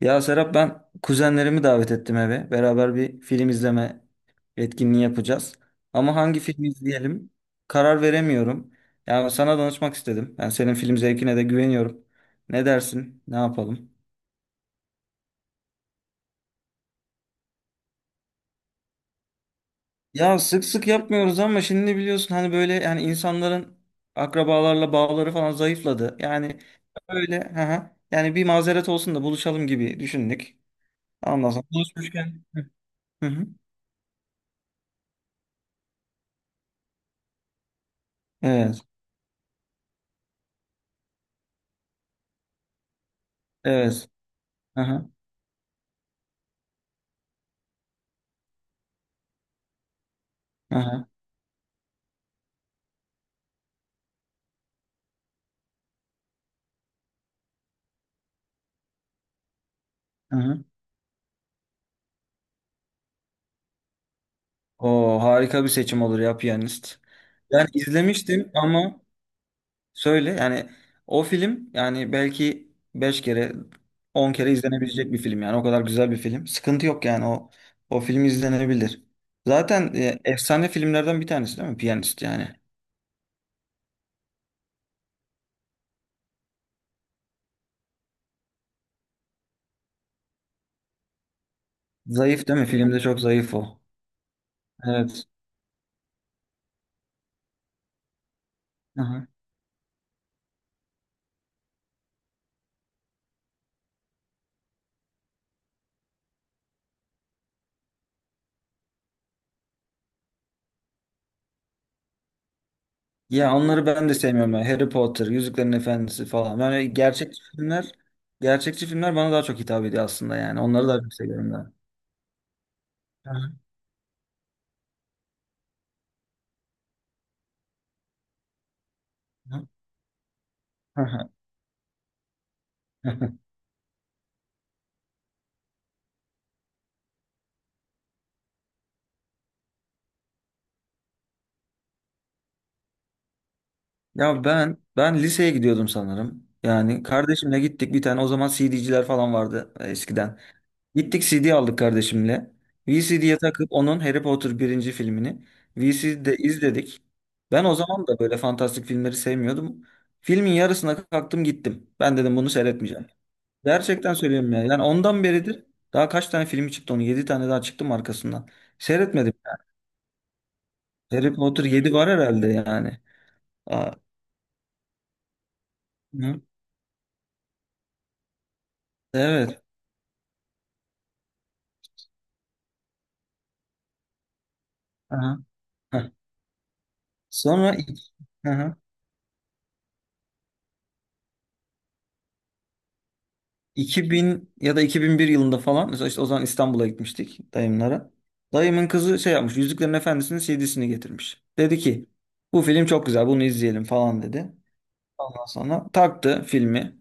Ya Serap, ben kuzenlerimi davet ettim eve. Beraber bir film izleme etkinliği yapacağız. Ama hangi filmi izleyelim? Karar veremiyorum. Ya sana danışmak istedim. Ben senin film zevkine de güveniyorum. Ne dersin? Ne yapalım? Ya sık sık yapmıyoruz ama şimdi biliyorsun hani böyle yani insanların akrabalarla bağları falan zayıfladı. Yani böyle, hı hı, yani bir mazeret olsun da buluşalım gibi düşündük. Ondan sonra buluşmuşken. Hı hı. Evet. Evet. Aha, aha, aha. O harika bir seçim olur ya Piyanist. Yani izlemiştim ama söyle yani o film yani belki 5 kere 10 kere izlenebilecek bir film yani o kadar güzel bir film. Sıkıntı yok yani o film izlenebilir. Zaten efsane filmlerden bir tanesi değil mi Piyanist yani. Zayıf değil mi? Filmde çok zayıf o. Evet. Aha. Ya onları ben de sevmiyorum, ya. Harry Potter, Yüzüklerin Efendisi falan. Yani gerçekçi filmler, gerçekçi filmler bana daha çok hitap ediyor aslında yani. Onları daha çok seviyorum ben. Aha. Aha. Ya ben liseye gidiyordum sanırım. Yani kardeşimle gittik bir tane, o zaman CD'ciler falan vardı eskiden. Gittik CD aldık kardeşimle. VCD'ye takıp onun Harry Potter birinci filmini VCD'de izledik. Ben o zaman da böyle fantastik filmleri sevmiyordum. Filmin yarısına kalktım gittim. Ben dedim bunu seyretmeyeceğim. Gerçekten söylüyorum ya. Yani ondan beridir daha kaç tane filmi çıktı onun? Yedi tane daha çıktım arkasından. Seyretmedim. Harry Potter 7 var herhalde yani. Aa, hı. Evet. Aha. Heh. Sonra ik- aha. 2000 ya da 2001 yılında falan mesela işte o zaman İstanbul'a gitmiştik dayımlara. Dayımın kızı şey yapmış, Yüzüklerin Efendisi'nin CD'sini getirmiş. Dedi ki bu film çok güzel, bunu izleyelim falan dedi. Ondan sonra taktı filmi,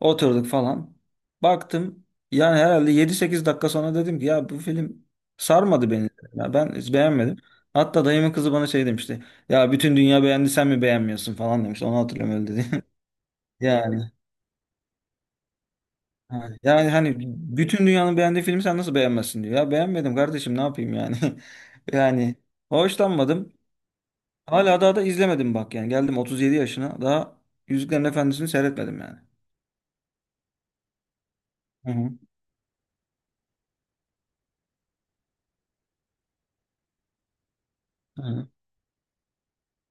oturduk falan. Baktım yani herhalde 7-8 dakika sonra dedim ki ya bu film sarmadı beni. Ya ben hiç beğenmedim. Hatta dayımın kızı bana şey demişti. Ya bütün dünya beğendi, sen mi beğenmiyorsun falan demiş. Onu hatırlıyorum, öyle dedi. Yani. Ha, yani hani bütün dünyanın beğendiği filmi sen nasıl beğenmezsin diyor. Ya beğenmedim kardeşim, ne yapayım yani. Yani hoşlanmadım. Hala daha da izlemedim bak yani. Geldim 37 yaşına daha Yüzüklerin Efendisi'ni seyretmedim yani. Hı hı. Hı.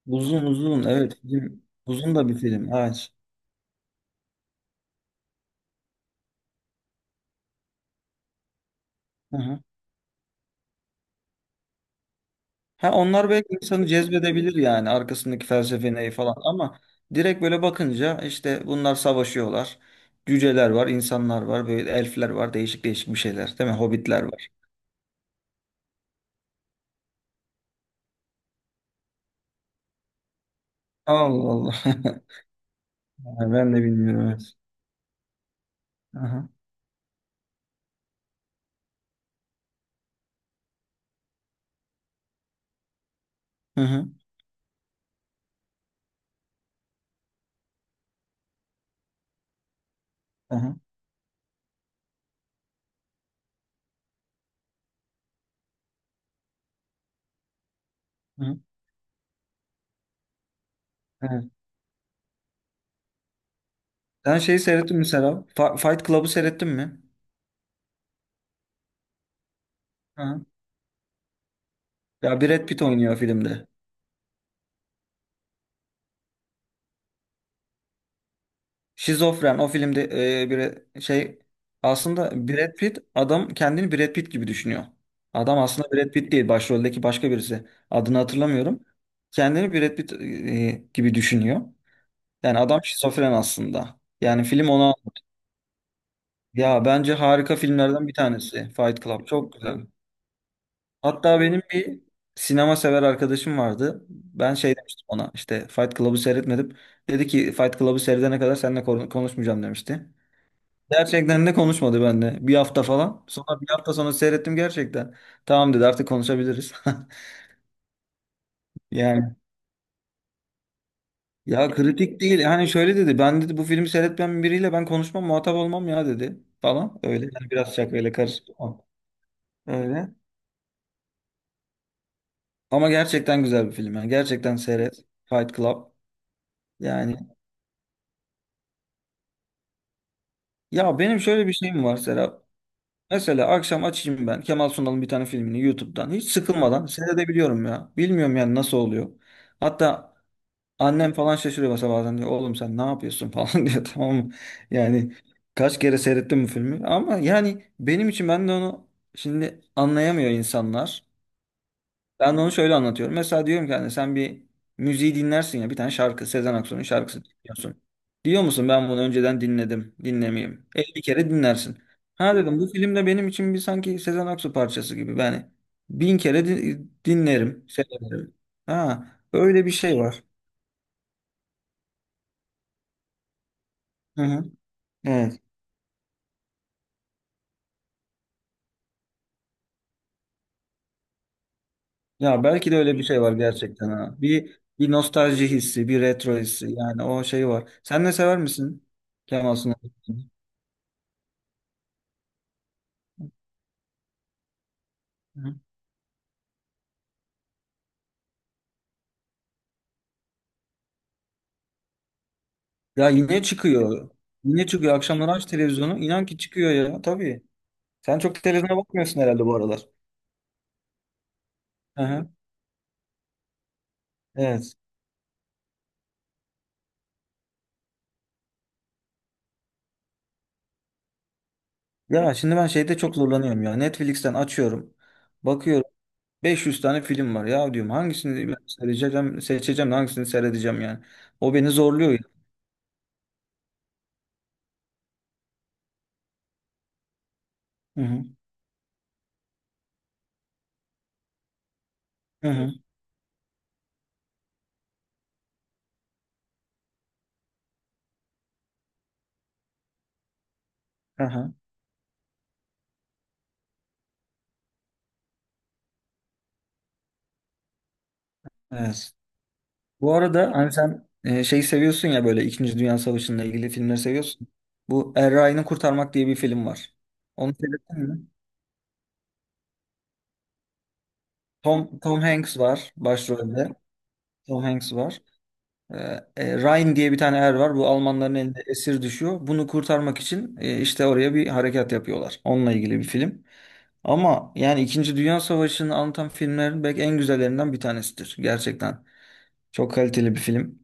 Uzun uzun, evet. Film, uzun da bir film. Evet. Hı hı. Ha, onlar belki insanı cezbedebilir yani arkasındaki felsefe neyi falan, ama direkt böyle bakınca işte bunlar savaşıyorlar. Cüceler var, insanlar var, böyle elfler var, değişik değişik bir şeyler, değil mi? Hobbitler. Allah Allah. Ha, ben de bilmiyorum, evet. Aha. Hı hı. Aha. Hı hı. Evet. Sen şeyi seyrettin mi Serap? Fight Club'ı seyrettin mi? Hı. Ya Brad Pitt oynuyor filmde. Şizofren o filmde, bir şey aslında, Brad Pitt adam kendini Brad Pitt gibi düşünüyor. Adam aslında Brad Pitt değil, başroldeki başka birisi. Adını hatırlamıyorum. Kendini Brad Pitt gibi düşünüyor. Yani adam şizofren aslında. Yani film ona, ya bence harika filmlerden bir tanesi Fight Club. Çok güzel. Hatta benim bir sinema sever arkadaşım vardı. Ben şey demiştim ona, işte Fight Club'ı seyretmedim. Dedi ki Fight Club'ı seyredene kadar seninle konuşmayacağım demişti. Gerçekten de konuşmadı benimle. Bir hafta falan. Sonra bir hafta sonra seyrettim gerçekten. Tamam dedi, artık konuşabiliriz. Yani, ya kritik değil. Hani şöyle dedi. Ben dedi bu filmi seyretmeyen biriyle ben konuşmam, muhatap olmam ya dedi. Falan öyle. Yani biraz şakayla karışık, ama öyle. Ama gerçekten güzel bir film. Yani gerçekten seyret, Fight Club. Yani, ya benim şöyle bir şeyim var Serap. Mesela akşam açayım ben Kemal Sunal'ın bir tane filmini YouTube'dan. Hiç sıkılmadan seyredebiliyorum ya. Bilmiyorum yani nasıl oluyor. Hatta annem falan şaşırıyor mesela, bazen diyor. Oğlum sen ne yapıyorsun falan diyor, tamam mı? Yani kaç kere seyrettim bu filmi. Ama yani benim için, ben de onu şimdi anlayamıyor insanlar. Ben de onu şöyle anlatıyorum. Mesela diyorum ki hani sen bir müziği dinlersin ya, bir tane şarkı, Sezen Aksu'nun şarkısı dinliyorsun. Diyor musun ben bunu önceden dinledim, dinlemeyeyim. 50 kere dinlersin. Ha dedim, bu filmde benim için bir sanki Sezen Aksu parçası gibi. Yani 1.000 kere dinlerim, severim. Ha, öyle bir şey var. Hı hı. Evet. Ya belki de öyle bir şey var gerçekten, ha. Bir nostalji hissi, bir retro hissi, yani o şey var. Sen ne, sever misin Kemal Sunal? Ya yine çıkıyor. Yine çıkıyor. Akşamları aç televizyonu. İnan ki çıkıyor ya. Tabii. Sen çok televizyona bakmıyorsun herhalde bu aralar. Hı hı. Evet. Ya şimdi ben şeyde çok zorlanıyorum ya. Netflix'ten açıyorum. Bakıyorum. 500 tane film var. Ya diyorum hangisini ben seçeceğim, seçeceğim de hangisini seyredeceğim yani. O beni zorluyor ya. Hı hı. Hı hı. Hı hı. Evet. Bu arada hani sen, şeyi seviyorsun ya, böyle İkinci Dünya Savaşı'nla ilgili filmleri seviyorsun. Bu Er Ryan'ı Kurtarmak diye bir film var. Onu seyrettin mi? Tom Hanks var başrolde. Tom Hanks var. Ee, Ryan diye bir tane er var. Bu Almanların elinde esir düşüyor. Bunu kurtarmak için işte oraya bir harekat yapıyorlar. Onunla ilgili bir film. Ama yani İkinci Dünya Savaşı'nı anlatan filmlerin belki en güzellerinden bir tanesidir. Gerçekten. Çok kaliteli bir film.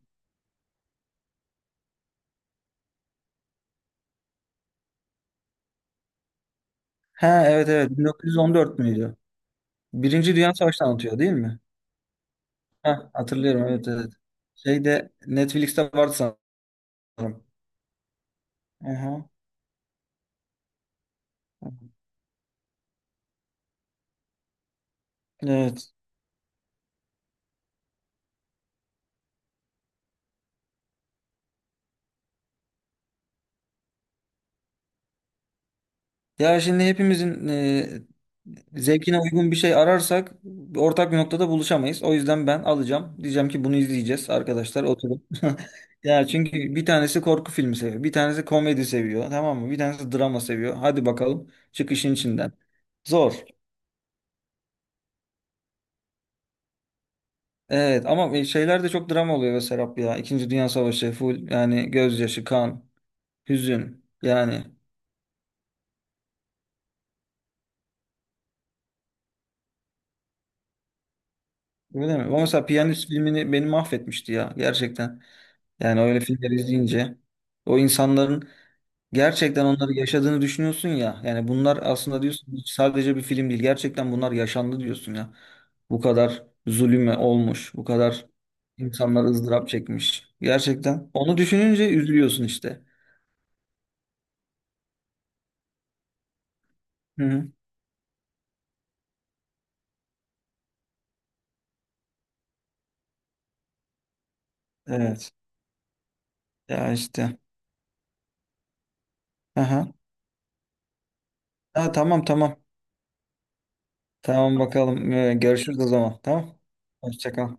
Ha evet evet, 1914 müydü? Birinci Dünya Savaşı'nı anlatıyor değil mi? Ha, hatırlıyorum, evet evet. Şeyde Netflix'te vardı sanırım. Aha. Evet. Ya şimdi hepimizin zevkine uygun bir şey ararsak ortak bir noktada buluşamayız. O yüzden ben alacağım. Diyeceğim ki bunu izleyeceğiz arkadaşlar, oturun. Ya çünkü bir tanesi korku filmi seviyor. Bir tanesi komedi seviyor. Tamam mı? Bir tanesi drama seviyor. Hadi bakalım, çık işin içinden. Zor. Evet ama şeyler de çok drama oluyor be Serap ya. İkinci Dünya Savaşı full yani, gözyaşı, kan, hüzün yani. Öyle mi? Ama mesela Piyanist filmini, beni mahvetmişti ya gerçekten. Yani öyle filmler izleyince o insanların gerçekten onları yaşadığını düşünüyorsun ya. Yani bunlar aslında diyorsun hiç sadece bir film değil. Gerçekten bunlar yaşandı diyorsun ya. Bu kadar zulüm olmuş, bu kadar insanlar ızdırap çekmiş. Gerçekten onu düşününce üzülüyorsun işte. Hı hı. Evet. Ya işte. Aha. Ha, tamam tamam. Tamam bakalım. Görüşürüz o zaman. Tamam. Hoşça kal.